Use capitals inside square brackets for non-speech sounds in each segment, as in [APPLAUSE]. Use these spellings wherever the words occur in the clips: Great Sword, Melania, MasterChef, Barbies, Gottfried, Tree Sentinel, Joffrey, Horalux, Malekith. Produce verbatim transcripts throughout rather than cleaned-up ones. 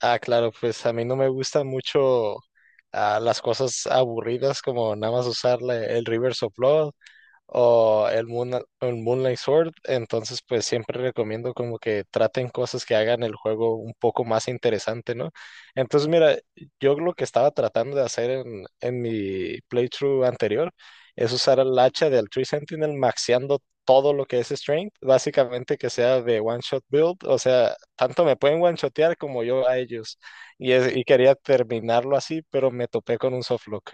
Ah, claro, pues a mí no me gustan mucho, ah, las cosas aburridas como nada más usar la- el reverse of o el Moon, el Moonlight Sword. Entonces, pues, siempre recomiendo como que traten cosas que hagan el juego un poco más interesante, ¿no? Entonces, mira, yo lo que estaba tratando de hacer en, en mi playthrough anterior es usar el hacha del Tree Sentinel maxeando todo lo que es Strength, básicamente que sea de one shot build, o sea, tanto me pueden one shotear como yo a ellos. Y, es- y quería terminarlo así, pero me topé con un softlock.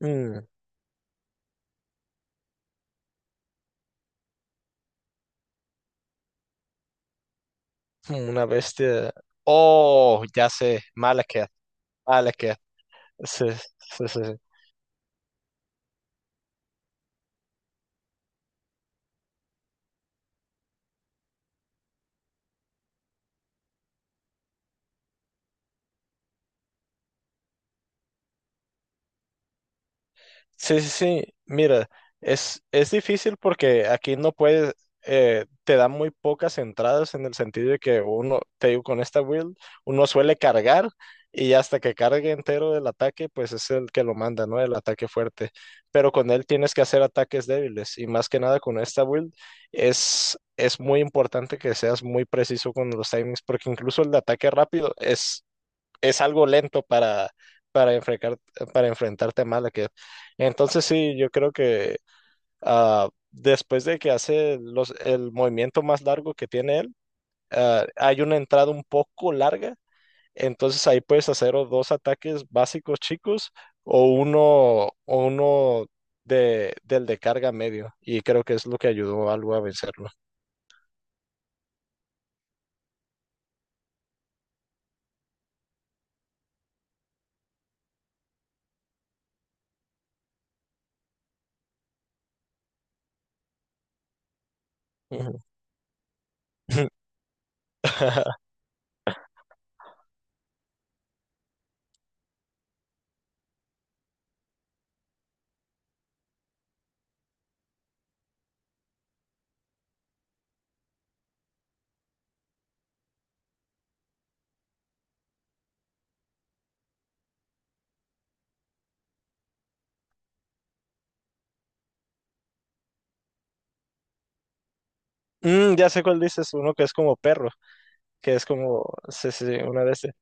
[LAUGHS] Una bestia. Oh, ya sé. Malekith. Malekith. Sí, sí, sí. Sí. Sí, sí, sí. Mira, es, es difícil porque aquí no puedes, eh, te dan muy pocas entradas, en el sentido de que uno, te digo, con esta build, uno suele cargar, y hasta que cargue entero el ataque, pues es el que lo manda, ¿no? El ataque fuerte. Pero con él tienes que hacer ataques débiles, y más que nada con esta build es, es muy importante que seas muy preciso con los timings, porque incluso el de ataque rápido es es algo lento para, para, enfrentar, para enfrentarte a Malekith. Entonces sí, yo creo que ah, después de que hace los, el movimiento más largo que tiene él, ah, hay una entrada un poco larga, entonces ahí puedes hacer o dos ataques básicos chicos, o uno, o uno de, del de carga medio. Y creo que es lo que ayudó algo a vencerlo. Ujú. [LAUGHS] Mm, ya sé cuál dices, uno que es como perro, que es como, sí, sí, sí, una de este.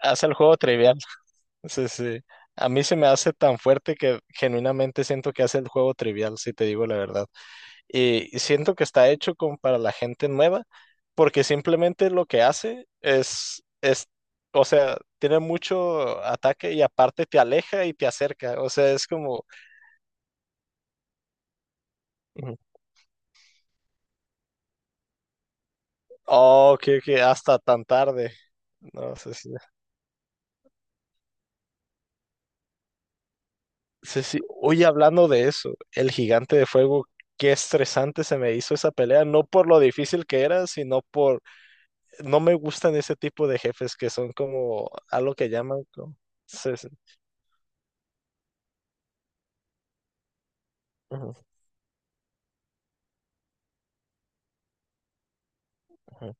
Hace el juego trivial. [LAUGHS] Sí, sí. A mí se me hace tan fuerte que genuinamente siento que hace el juego trivial, si te digo la verdad. Y siento que está hecho como para la gente nueva, porque simplemente lo que hace es, es, o sea, tiene mucho ataque y aparte te aleja y te acerca. O sea, es como, ujú, oh, que, que hasta tan tarde. No sé si. Sí, sí. Oye, hablando de eso, el gigante de fuego, qué estresante se me hizo esa pelea, no por lo difícil que era, sino por, no me gustan ese tipo de jefes que son como algo que llaman, como- sí, sí. Ujú, ujú.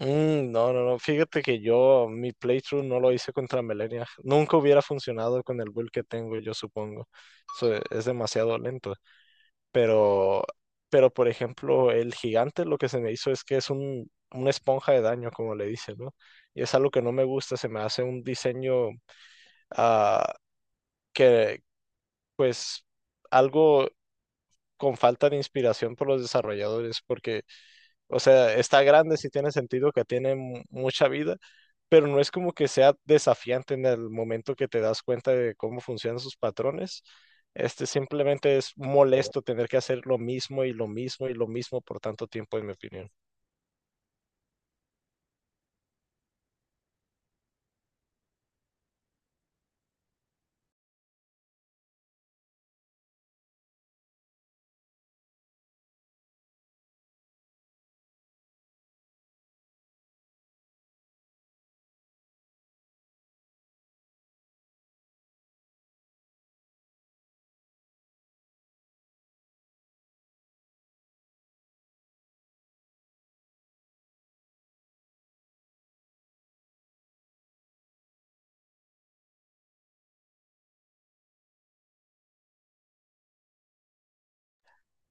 Mm, no, no, no, fíjate que yo, mi playthrough, no lo hice contra Melania. Nunca hubiera funcionado con el build que tengo, yo supongo. So, es demasiado lento. Pero, pero por ejemplo, el gigante, lo que se me hizo es que es un, una esponja de daño, como le dicen, ¿no? Y es algo que no me gusta, se me hace un diseño ah, que, pues, algo con falta de inspiración por los desarrolladores, porque, o sea, está grande, sí tiene sentido que tiene mu- mucha vida, pero no es como que sea desafiante en el momento que te das cuenta de cómo funcionan sus patrones. Este simplemente es molesto, tener que hacer lo mismo y lo mismo y lo mismo por tanto tiempo, en mi opinión.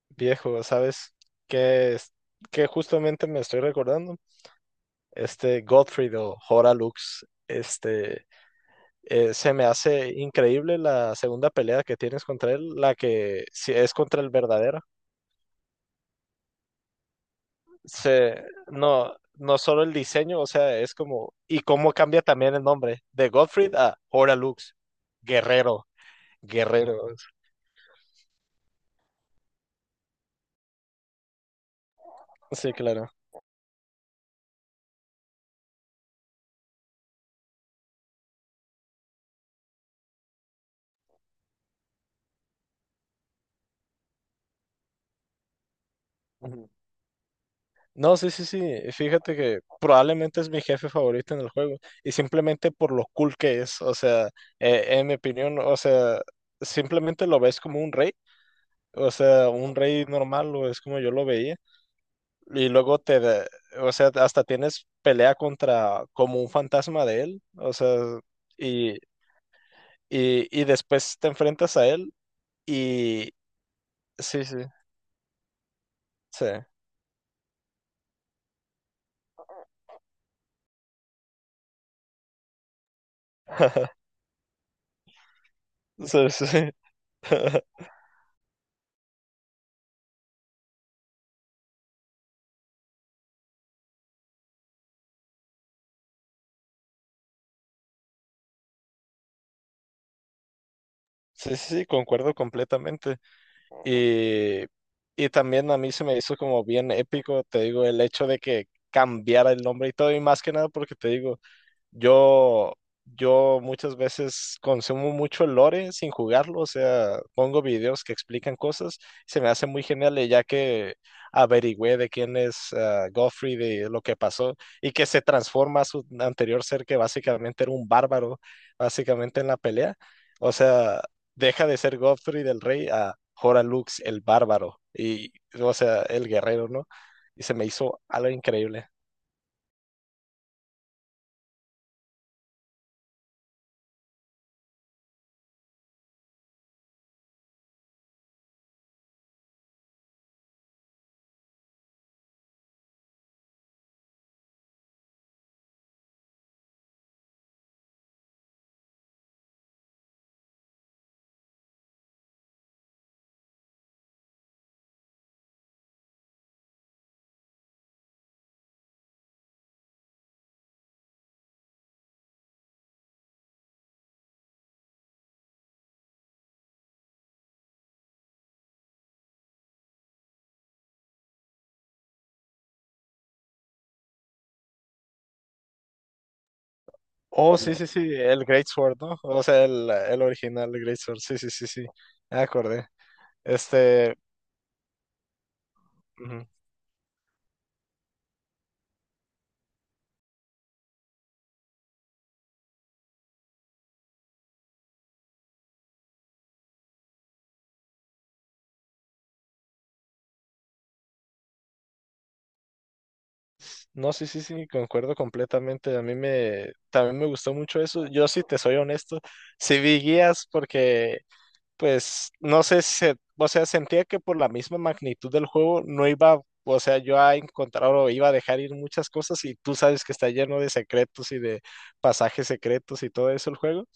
Viejo, ¿sabes qué es? Que justamente me estoy recordando. Este Gottfried o Horalux, este eh, se me hace increíble la segunda pelea que tienes contra él, la que sí es contra el verdadero. Se, no, no solo el diseño, o sea, es como, y cómo cambia también el nombre, de Gottfried a Horalux, guerrero, guerrero, sí, claro. Ujú. No, sí, sí, sí, fíjate que probablemente es mi jefe favorito en el juego, y simplemente por lo cool que es, o sea, eh, en mi opinión, o sea, simplemente lo ves como un rey, o sea, un rey normal, o es como yo lo veía. Y luego te, da- o sea, hasta tienes pelea contra como un fantasma de él, o sea, y, y, y después te enfrentas a él y sí, sí, sí, [LAUGHS] sí, sí, [LAUGHS] sí, sí, sí, concuerdo completamente. Y, y también a mí se me hizo como bien épico, te digo, el hecho de que cambiara el nombre y todo, y más que nada porque te digo, Yo, yo muchas veces consumo mucho el lore sin jugarlo, o sea, pongo videos que explican cosas. Se me hace muy genial, y ya que averigüé de quién es ah, Joffrey, de lo que pasó, y que se transforma a su anterior ser que básicamente era un bárbaro, básicamente en la pelea, o sea, deja de ser Joffrey del rey a Horalux el bárbaro y, o sea, el guerrero, ¿no? Y se me hizo algo increíble. Oh, sí, no, sí, sí, el Great Sword, ¿no? O sea, el, el original Great Sword. Sí, sí, sí, sí, me acordé. Este, ujú. No, sí, sí, sí, concuerdo completamente. A mí me, también me gustó mucho eso. Yo, si te soy honesto, sí vi guías porque, pues, no sé, si se- o sea, sentía que por la misma magnitud del juego no iba, o sea, yo a encontrar, o iba a dejar ir muchas cosas, y tú sabes que está lleno de secretos y de pasajes secretos y todo eso el juego.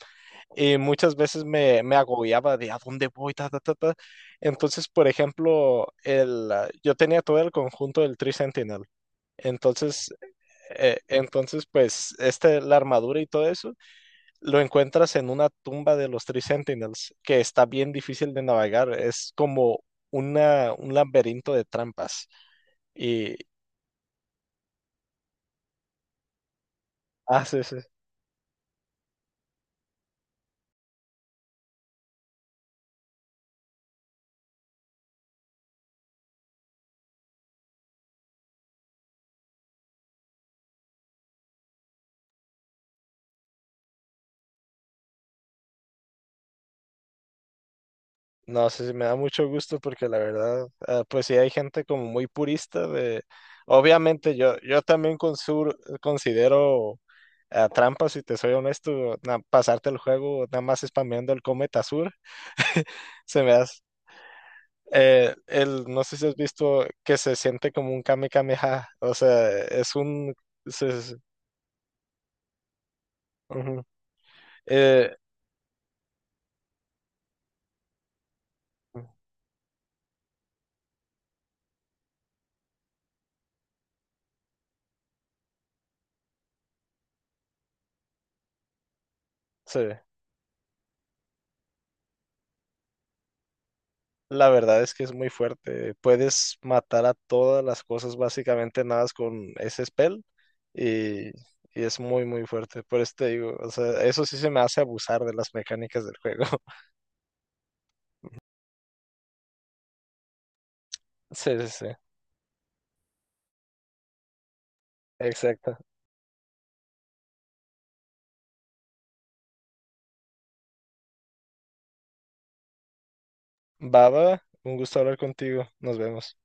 Y muchas veces me, me agobiaba de a dónde voy, ta, ta, ta, ta. Entonces, por ejemplo, el, ah, yo tenía todo el conjunto del Tree Sentinel. Entonces, eh, entonces, pues, este, la armadura y todo eso, lo encuentras en una tumba de los Tree Sentinels, que está bien difícil de navegar. Es como una, un laberinto de trampas. Y haces. No sé si me da mucho gusto, porque la verdad, ah, pues sí hay gente como muy purista de, obviamente yo, yo también consur- considero ah, trampa, si te soy honesto, na- pasarte el juego nada más spameando el cometa sur, se me hace. Eh, el, no sé si has visto, que se siente como un Kame Kameha, o sea, es un, se- se- ujú. Eh, Sí, la verdad es que es muy fuerte. Puedes matar a todas las cosas básicamente nada más con ese spell. y, y es muy, muy fuerte. Por eso te digo, o sea, eso sí se me hace abusar de las mecánicas del juego. [LAUGHS] Sí, sí, sí, exacto. Baba, un gusto hablar contigo. Nos vemos.